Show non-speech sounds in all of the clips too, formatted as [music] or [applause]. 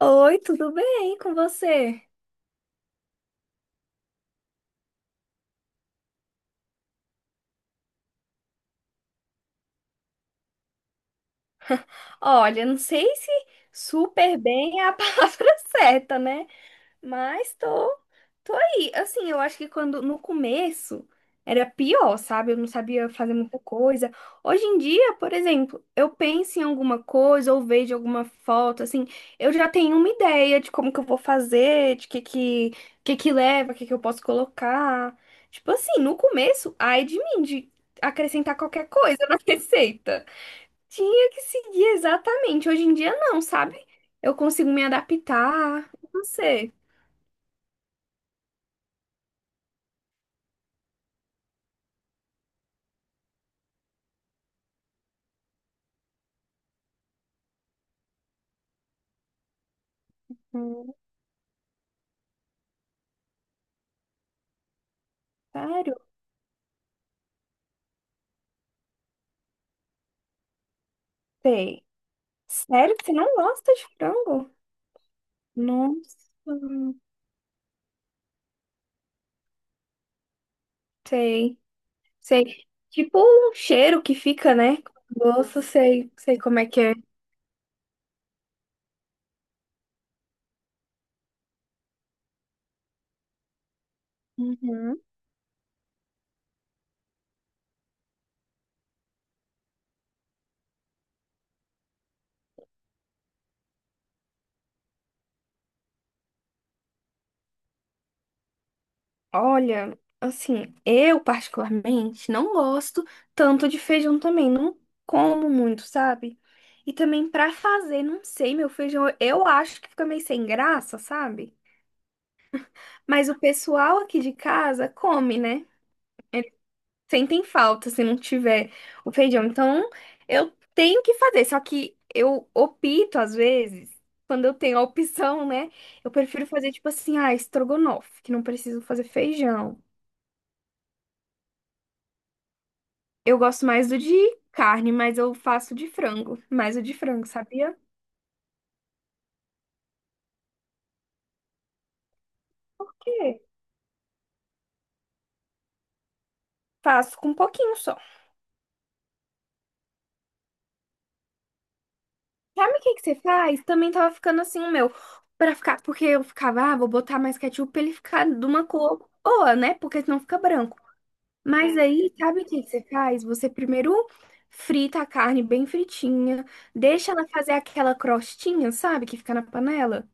Oi, tudo bem com você? Olha, não sei se super bem é a [laughs] palavra certa, né? Mas tô aí. Assim, eu acho que quando no começo era pior, sabe? Eu não sabia fazer muita coisa. Hoje em dia, por exemplo, eu penso em alguma coisa ou vejo alguma foto, assim, eu já tenho uma ideia de como que eu vou fazer, de que que leva, que eu posso colocar. Tipo assim, no começo, ai de mim, de acrescentar qualquer coisa na [laughs] receita. Tinha que seguir exatamente. Hoje em dia não, sabe? Eu consigo me adaptar. Não sei. Sério? Sei. Sério que você não gosta de frango? Nossa, sei. Sei. Tipo o cheiro que fica, né? Gosto, sei, sei como é que é. Uhum. Olha, assim, eu particularmente não gosto tanto de feijão também, não como muito, sabe? E também pra fazer, não sei, meu feijão, eu acho que fica meio sem graça, sabe? Mas o pessoal aqui de casa come, né? Sentem falta se não tiver o feijão. Então, eu tenho que fazer, só que eu opto às vezes, quando eu tenho a opção, né? Eu prefiro fazer tipo assim, ah, estrogonofe, que não preciso fazer feijão. Eu gosto mais do de carne, mas eu faço de frango, mais o de frango, sabia? Por quê? Faço com um pouquinho só. Sabe o que que você faz? Também tava ficando assim o meu, para ficar, porque eu ficava, ah, vou botar mais ketchup pra ele ficar de uma cor boa, né? Porque senão fica branco. Mas aí, sabe o que que você faz? Você primeiro frita a carne bem fritinha, deixa ela fazer aquela crostinha, sabe, que fica na panela.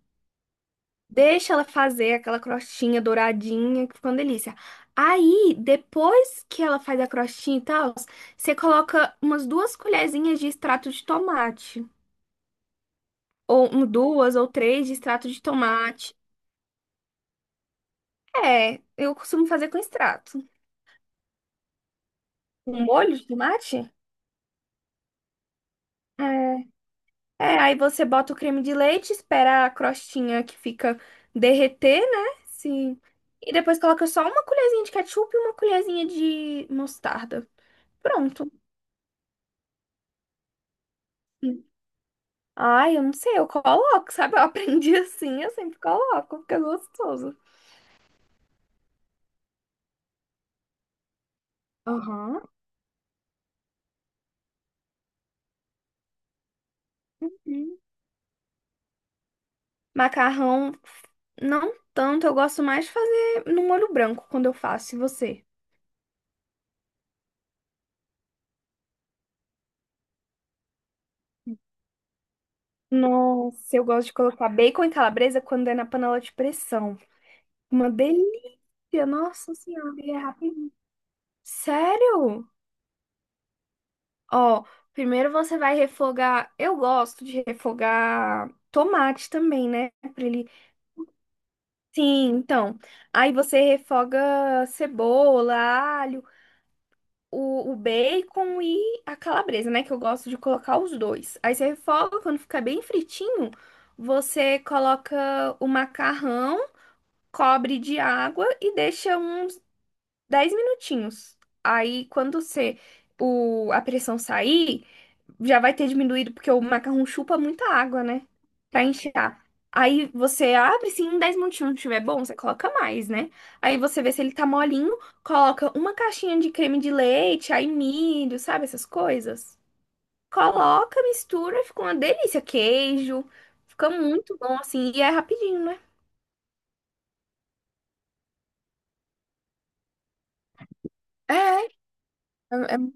Deixa ela fazer aquela crostinha douradinha, que fica uma delícia. Aí, depois que ela faz a crostinha e tal, você coloca umas duas colherzinhas de extrato de tomate. Ou um, duas ou três de extrato de tomate. É, eu costumo fazer com extrato. Um molho de tomate? É. É, aí você bota o creme de leite, espera a crostinha que fica derreter, né? Sim. E depois coloca só uma colherzinha de ketchup e uma colherzinha de mostarda. Pronto. Ai, eu não sei, eu coloco, sabe? Eu [laughs] aprendi assim, eu sempre coloco, fica gostoso. Aham. Hum. Macarrão, não tanto, eu gosto mais de fazer no molho branco quando eu faço, e você? Nossa, eu gosto de colocar bacon e calabresa quando é na panela de pressão. Uma delícia. Tia, nossa senhora, e é rapidinho. Sério? Ó, primeiro você vai refogar. Eu gosto de refogar tomate também, né? Pra ele. Sim, então. Aí você refoga cebola, alho, o bacon e a calabresa, né? Que eu gosto de colocar os dois. Aí você refoga, quando ficar bem fritinho, você coloca o macarrão, cobre de água e deixa uns 10 minutinhos. Aí, quando você, o, a pressão sair, já vai ter diminuído, porque o macarrão chupa muita água, né? Pra enxergar. Aí você abre, se em 10 minutinhos não estiver bom, você coloca mais, né? Aí você vê se ele tá molinho, coloca uma caixinha de creme de leite, aí milho, sabe essas coisas? Coloca, mistura, fica uma delícia. Queijo, fica muito bom assim, e é rapidinho, né? É, é, é-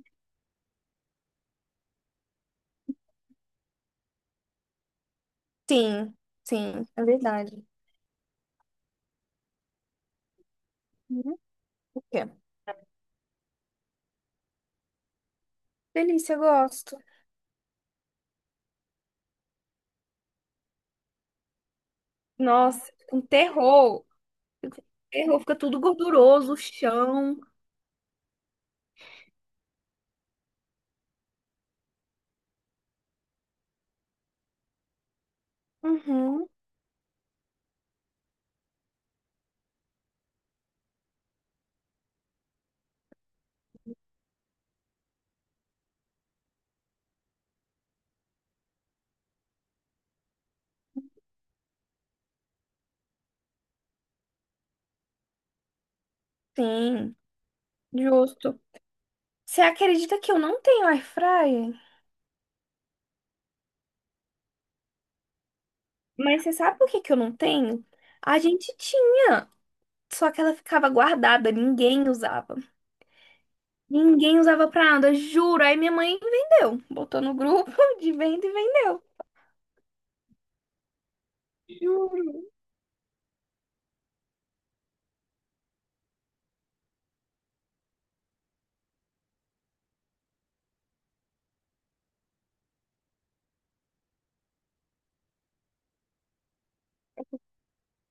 Sim, sim, é verdade. Uhum. O quê? Delícia, eu gosto. Nossa, um terror. Terror, fica tudo gorduroso, o chão. Uhum, sim, justo. Você acredita que eu não tenho air fryer? Mas você sabe por que que eu não tenho? A gente tinha, só que ela ficava guardada, ninguém usava. Ninguém usava pra nada, juro. Aí minha mãe vendeu, botou no grupo [laughs] de venda e vendeu, juro.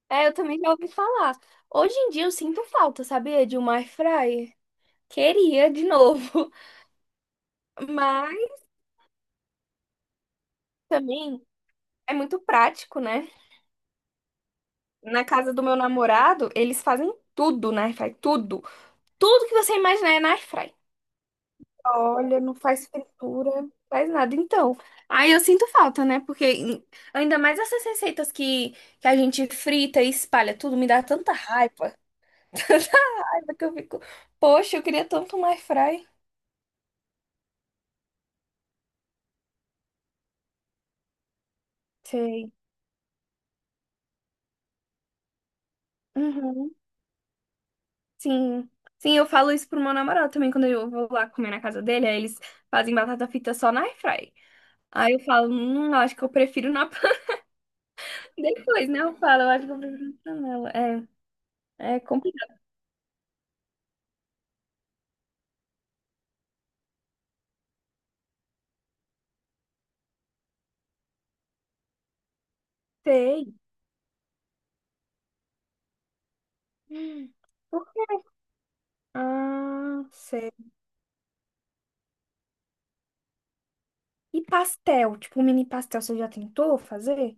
É, eu também já ouvi falar. Hoje em dia eu sinto falta, sabia, de uma air fryer. Queria de novo. Mas também é muito prático, né? Na casa do meu namorado, eles fazem tudo na airfry, tudo. Tudo que você imaginar é na airfry. Olha, não faz fritura, não faz nada. Então, aí eu sinto falta, né? Ainda mais essas receitas que a gente frita e espalha tudo, me dá tanta raiva. [laughs] Tanta raiva que eu fico, poxa, eu queria tanto uma airfry. Sei. Uhum. Sim, sim, eu falo isso pro meu namorado também quando eu vou lá comer na casa dele, aí eles fazem batata frita só na airfry. Aí eu falo, eu acho que eu prefiro na panela. [laughs] Depois, né? Eu falo, eu acho que eu prefiro na panela. É, é complicado. Sei. Hum, Por quê? Ah, sei. E pastel, tipo mini pastel, você já tentou fazer?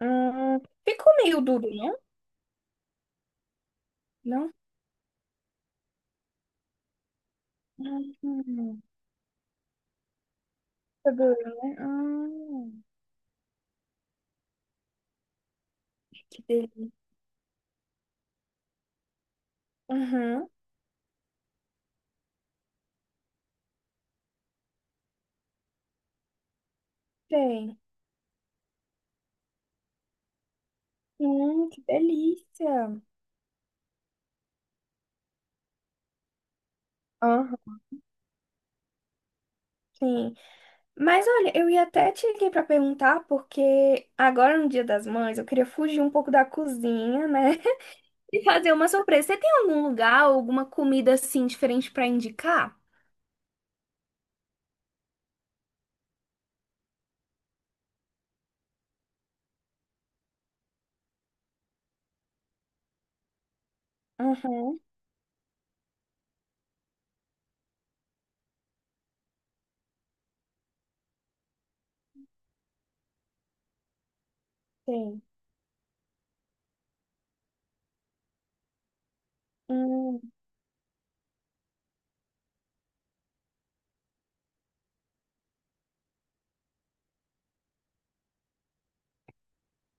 Ficou meio duro, não? Não? Hum, fica duro, né? Que delícia. Uhum, tem. Que delícia. Sim. Mas olha, eu ia até te ligar para perguntar, porque agora no Dia das Mães eu queria fugir um pouco da cozinha, né? [laughs] E fazer uma surpresa. Você tem algum lugar, alguma comida assim diferente para indicar? Uhum, tem. Hum,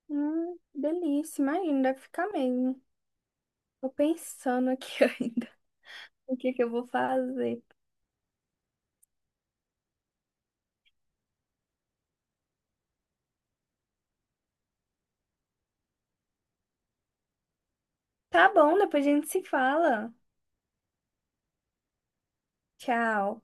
delícia, imagina, deve ficar mesmo. Tô pensando aqui [laughs] ainda o que que eu vou fazer. Tá bom, depois a gente se fala. Tchau.